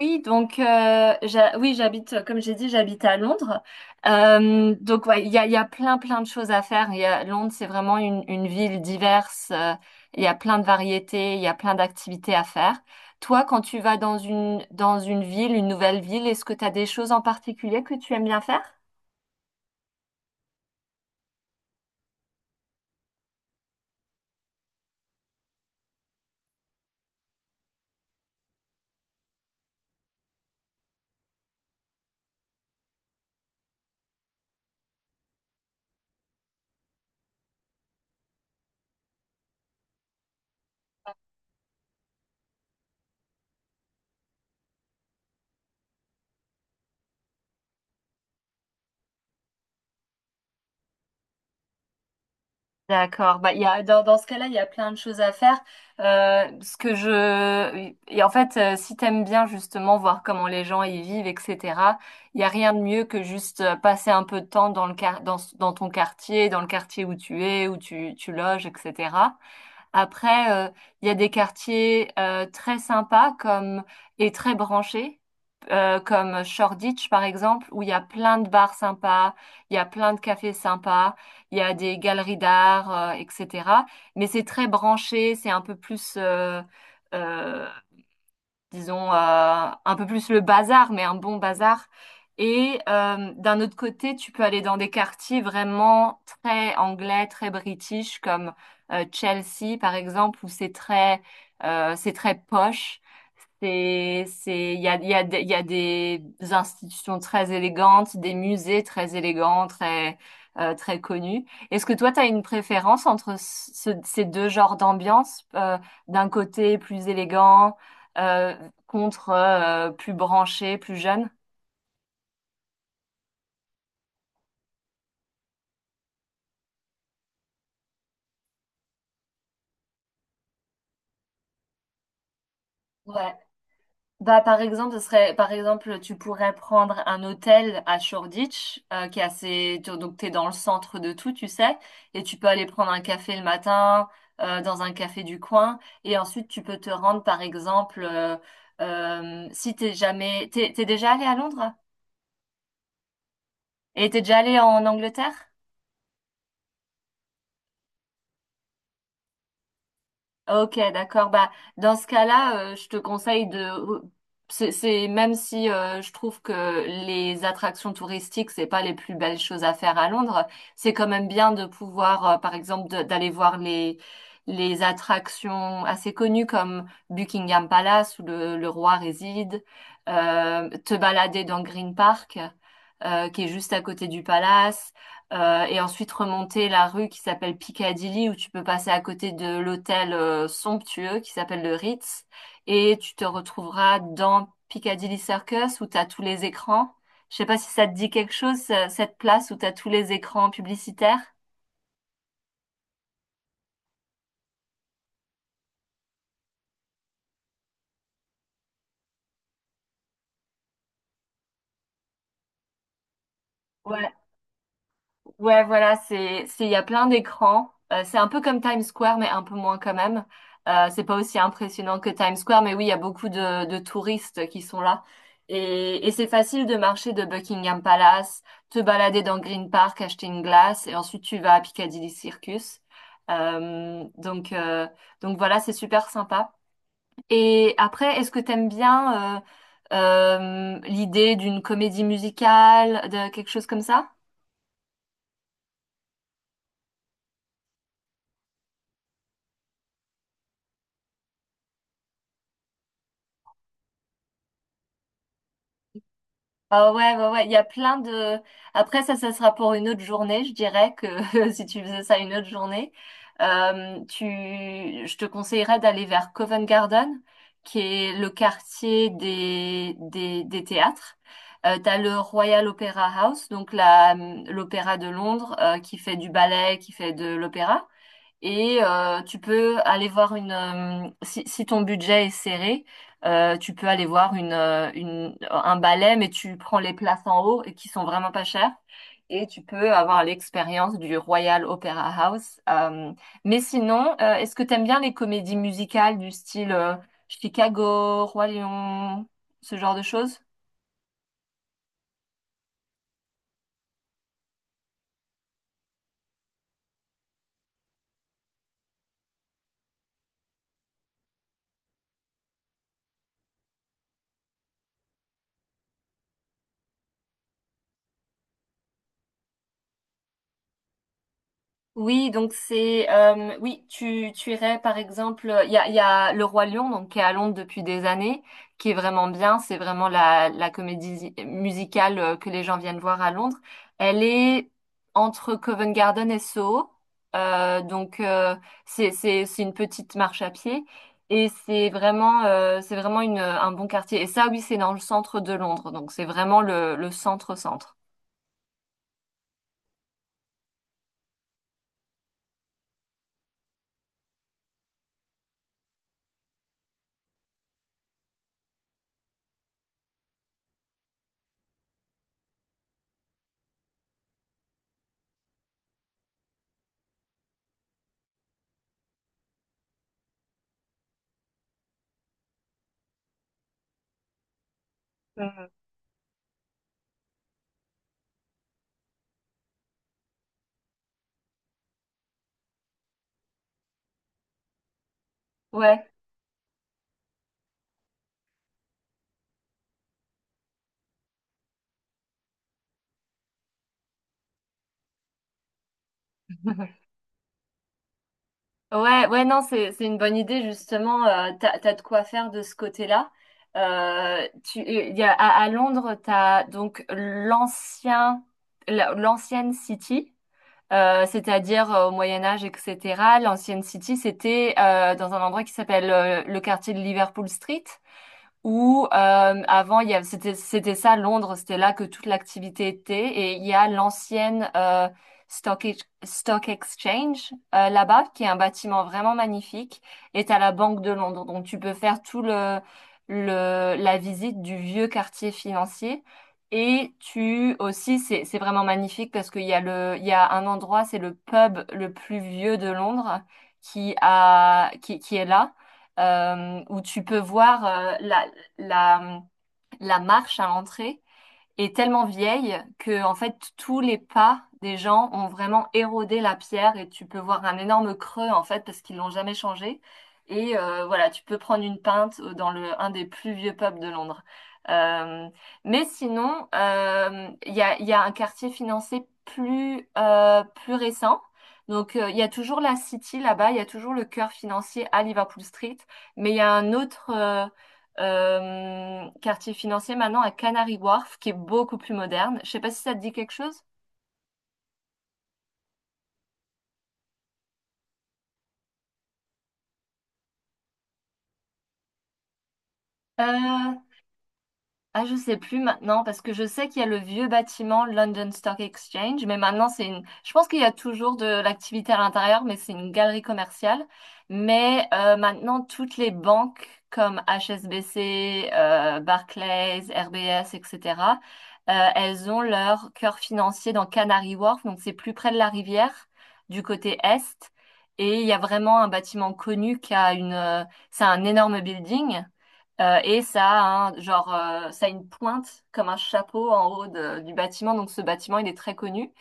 Oui, donc oui, j'habite, comme j'ai dit, j'habite à Londres. Ouais, il y a plein de choses à faire. Londres, c'est vraiment une ville diverse. Il y a plein de variétés, il y a plein d'activités à faire. Toi, quand tu vas dans une ville, une nouvelle ville, est-ce que tu as des choses en particulier que tu aimes bien faire? D'accord. Bah, dans, dans ce cas-là, il y a plein de choses à faire. Ce que je, et En fait, si t'aimes bien justement voir comment les gens y vivent, etc., il y a rien de mieux que juste passer un peu de temps dans ton quartier, dans le quartier où tu es, où tu loges, etc. Après, il y a des quartiers très sympas comme et très branchés, comme Shoreditch par exemple, où il y a plein de bars sympas, il y a plein de cafés sympas, il y a des galeries d'art, etc. Mais c'est très branché, c'est un peu plus euh, disons, un peu plus le bazar, mais un bon bazar. Et d'un autre côté, tu peux aller dans des quartiers vraiment très anglais, très british, comme Chelsea, par exemple, où c'est très poche. C'est, il y a, des- Il y a des institutions très élégantes, des musées très élégants, très, très connus. Est-ce que toi, tu as une préférence entre ces deux genres d'ambiance, d'un côté plus élégant? euh, Contre plus branchés, plus jeunes? Ouais. Bah, par exemple, ce serait, par exemple, tu pourrais prendre un hôtel à Shoreditch, qui est assez, donc t'es dans le centre de tout, tu sais, et tu peux aller prendre un café le matin, dans un café du coin, et ensuite tu peux te rendre, par exemple, si t'es jamais, t'es, t'es déjà allé à Londres? Et t'es déjà allé en Angleterre? Ok, d'accord. Bah, dans ce cas-là, je te conseille de. Même si je trouve que les attractions touristiques, c'est pas les plus belles choses à faire à Londres, c'est quand même bien de pouvoir, par exemple, d'aller voir les attractions assez connues comme Buckingham Palace où le roi réside, te balader dans Green Park, qui est juste à côté du palace. Et ensuite remonter la rue qui s'appelle Piccadilly où tu peux passer à côté de l'hôtel somptueux qui s'appelle le Ritz, et tu te retrouveras dans Piccadilly Circus où tu as tous les écrans. Je sais pas si ça te dit quelque chose, cette place où tu as tous les écrans publicitaires. Ouais, voilà, il y a plein d'écrans. C'est un peu comme Times Square, mais un peu moins quand même. C'est pas aussi impressionnant que Times Square, mais oui, il y a beaucoup de touristes qui sont là. Et c'est facile de marcher de Buckingham Palace, te balader dans Green Park, acheter une glace, et ensuite tu vas à Piccadilly Circus. Euh, donc, euh, donc voilà, c'est super sympa. Et après, est-ce que t'aimes bien l'idée d'une comédie musicale, de quelque chose comme ça? Ah ouais, ouais, ouais, il y a plein de... Après, ça sera pour une autre journée, je dirais que si tu faisais ça une autre journée, tu... je te conseillerais d'aller vers Covent Garden, qui est le quartier des théâtres. T'as le Royal Opera House, donc l'opéra de Londres, qui fait du ballet, qui fait de l'opéra. Et tu peux aller voir une... si ton budget est serré, tu peux aller voir un ballet, mais tu prends les places en haut et qui sont vraiment pas chères. Et tu peux avoir l'expérience du Royal Opera House. Mais sinon, est-ce que t'aimes bien les comédies musicales du style Chicago, Roi Lion, ce genre de choses? Oui, donc c'est oui, tu irais par exemple, il y a Le Roi Lion donc qui est à Londres depuis des années, qui est vraiment bien, c'est vraiment la comédie musicale que les gens viennent voir à Londres. Elle est entre Covent Garden et Soho, euh, donc euh, c'est une petite marche à pied et c'est vraiment une un bon quartier. Et ça oui, c'est dans le centre de Londres, donc c'est vraiment le centre. Mhm. Ouais. Ouais, ouais, non, c'est une bonne idée justement. T'as de quoi faire de ce côté-là. Tu, il y a, à, À Londres, t'as donc l'ancien, l'ancienne City, c'est-à-dire au Moyen Âge, etc. L'ancienne City, c'était dans un endroit qui s'appelle le quartier de Liverpool Street où avant c'était ça Londres, c'était là que toute l'activité était, et il y a l'ancienne Stock, Stock Exchange là-bas qui est un bâtiment vraiment magnifique, et t'as la Banque de Londres. Donc tu peux faire tout le la visite du vieux quartier financier, et tu aussi c'est vraiment magnifique parce qu'il y a un endroit, c'est le pub le plus vieux de Londres qui a qui est là, où tu peux voir la, la marche à l'entrée est tellement vieille que en fait tous les pas des gens ont vraiment érodé la pierre et tu peux voir un énorme creux en fait parce qu'ils l'ont jamais changé. Et voilà, tu peux prendre une pinte dans le un des plus vieux pubs de Londres. Euh, mais sinon, il y a un quartier financé plus plus récent. Donc, il y a toujours la City là-bas, il y a toujours le cœur financier à Liverpool Street, mais il y a un autre, quartier financier maintenant à Canary Wharf, qui est beaucoup plus moderne. Je sais pas si ça te dit quelque chose. Euh, Ah, je sais plus maintenant parce que je sais qu'il y a le vieux bâtiment London Stock Exchange, mais maintenant c'est une. Je pense qu'il y a toujours de l'activité à l'intérieur, mais c'est une galerie commerciale. Mais maintenant toutes les banques comme HSBC, Barclays, RBS, etc. Elles ont leur cœur financier dans Canary Wharf, donc c'est plus près de la rivière, du côté est. Et il y a vraiment un bâtiment connu qui a une. C'est un énorme building. Et ça a un, genre, ça a une pointe comme un chapeau en haut du bâtiment. Donc ce bâtiment, il est très connu.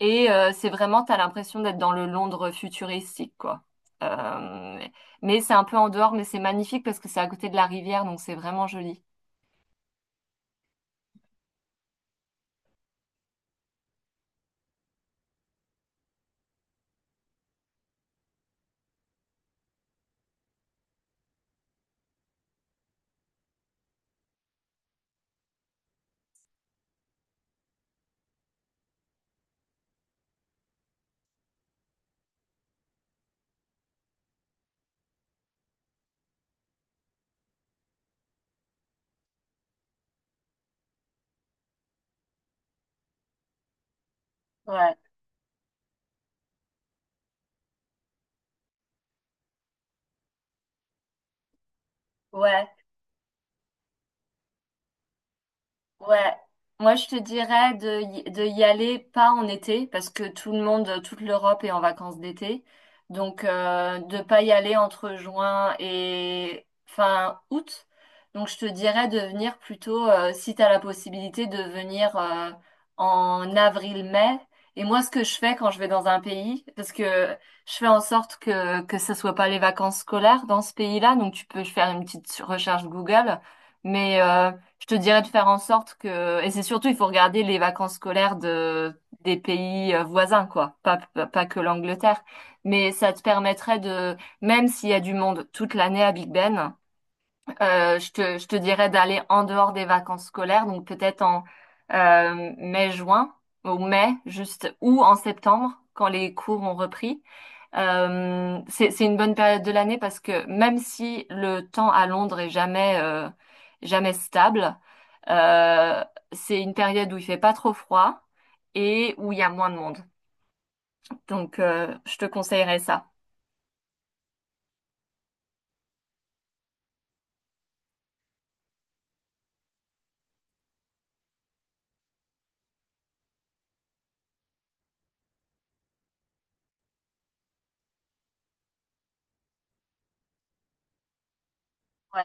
Et c'est vraiment, t'as l'impression d'être dans le Londres futuristique, quoi. Euh, mais c'est un peu en dehors, mais c'est magnifique parce que c'est à côté de la rivière, donc c'est vraiment joli. Ouais, ouais. Ouais, moi je te dirais de y aller pas en été parce que tout le monde, toute l'Europe est en vacances d'été. Donc de pas y aller entre juin et fin août. Donc je te dirais de venir plutôt, si tu as la possibilité, de venir en avril-mai. Et moi ce que je fais quand je vais dans un pays, parce que je fais en sorte que ce soit pas les vacances scolaires dans ce pays-là, donc tu peux faire une petite recherche Google. Mais je te dirais de faire en sorte que, et c'est surtout, il faut regarder les vacances scolaires des pays voisins, quoi. Pas que l'Angleterre. Mais ça te permettrait de, même s'il y a du monde toute l'année à Big Ben, je te dirais d'aller en dehors des vacances scolaires, donc peut-être en mai, juin, ou mai, juste, ou en septembre, quand les cours ont repris. C'est une bonne période de l'année parce que même si le temps à Londres est jamais, jamais stable, euh, c'est une période où il fait pas trop froid et où il y a moins de monde. Donc, je te conseillerais ça. Ouais.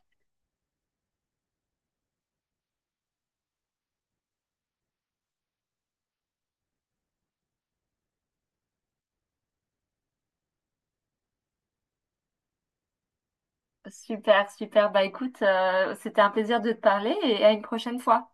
Super, super. Bah écoute, c'était un plaisir de te parler et à une prochaine fois.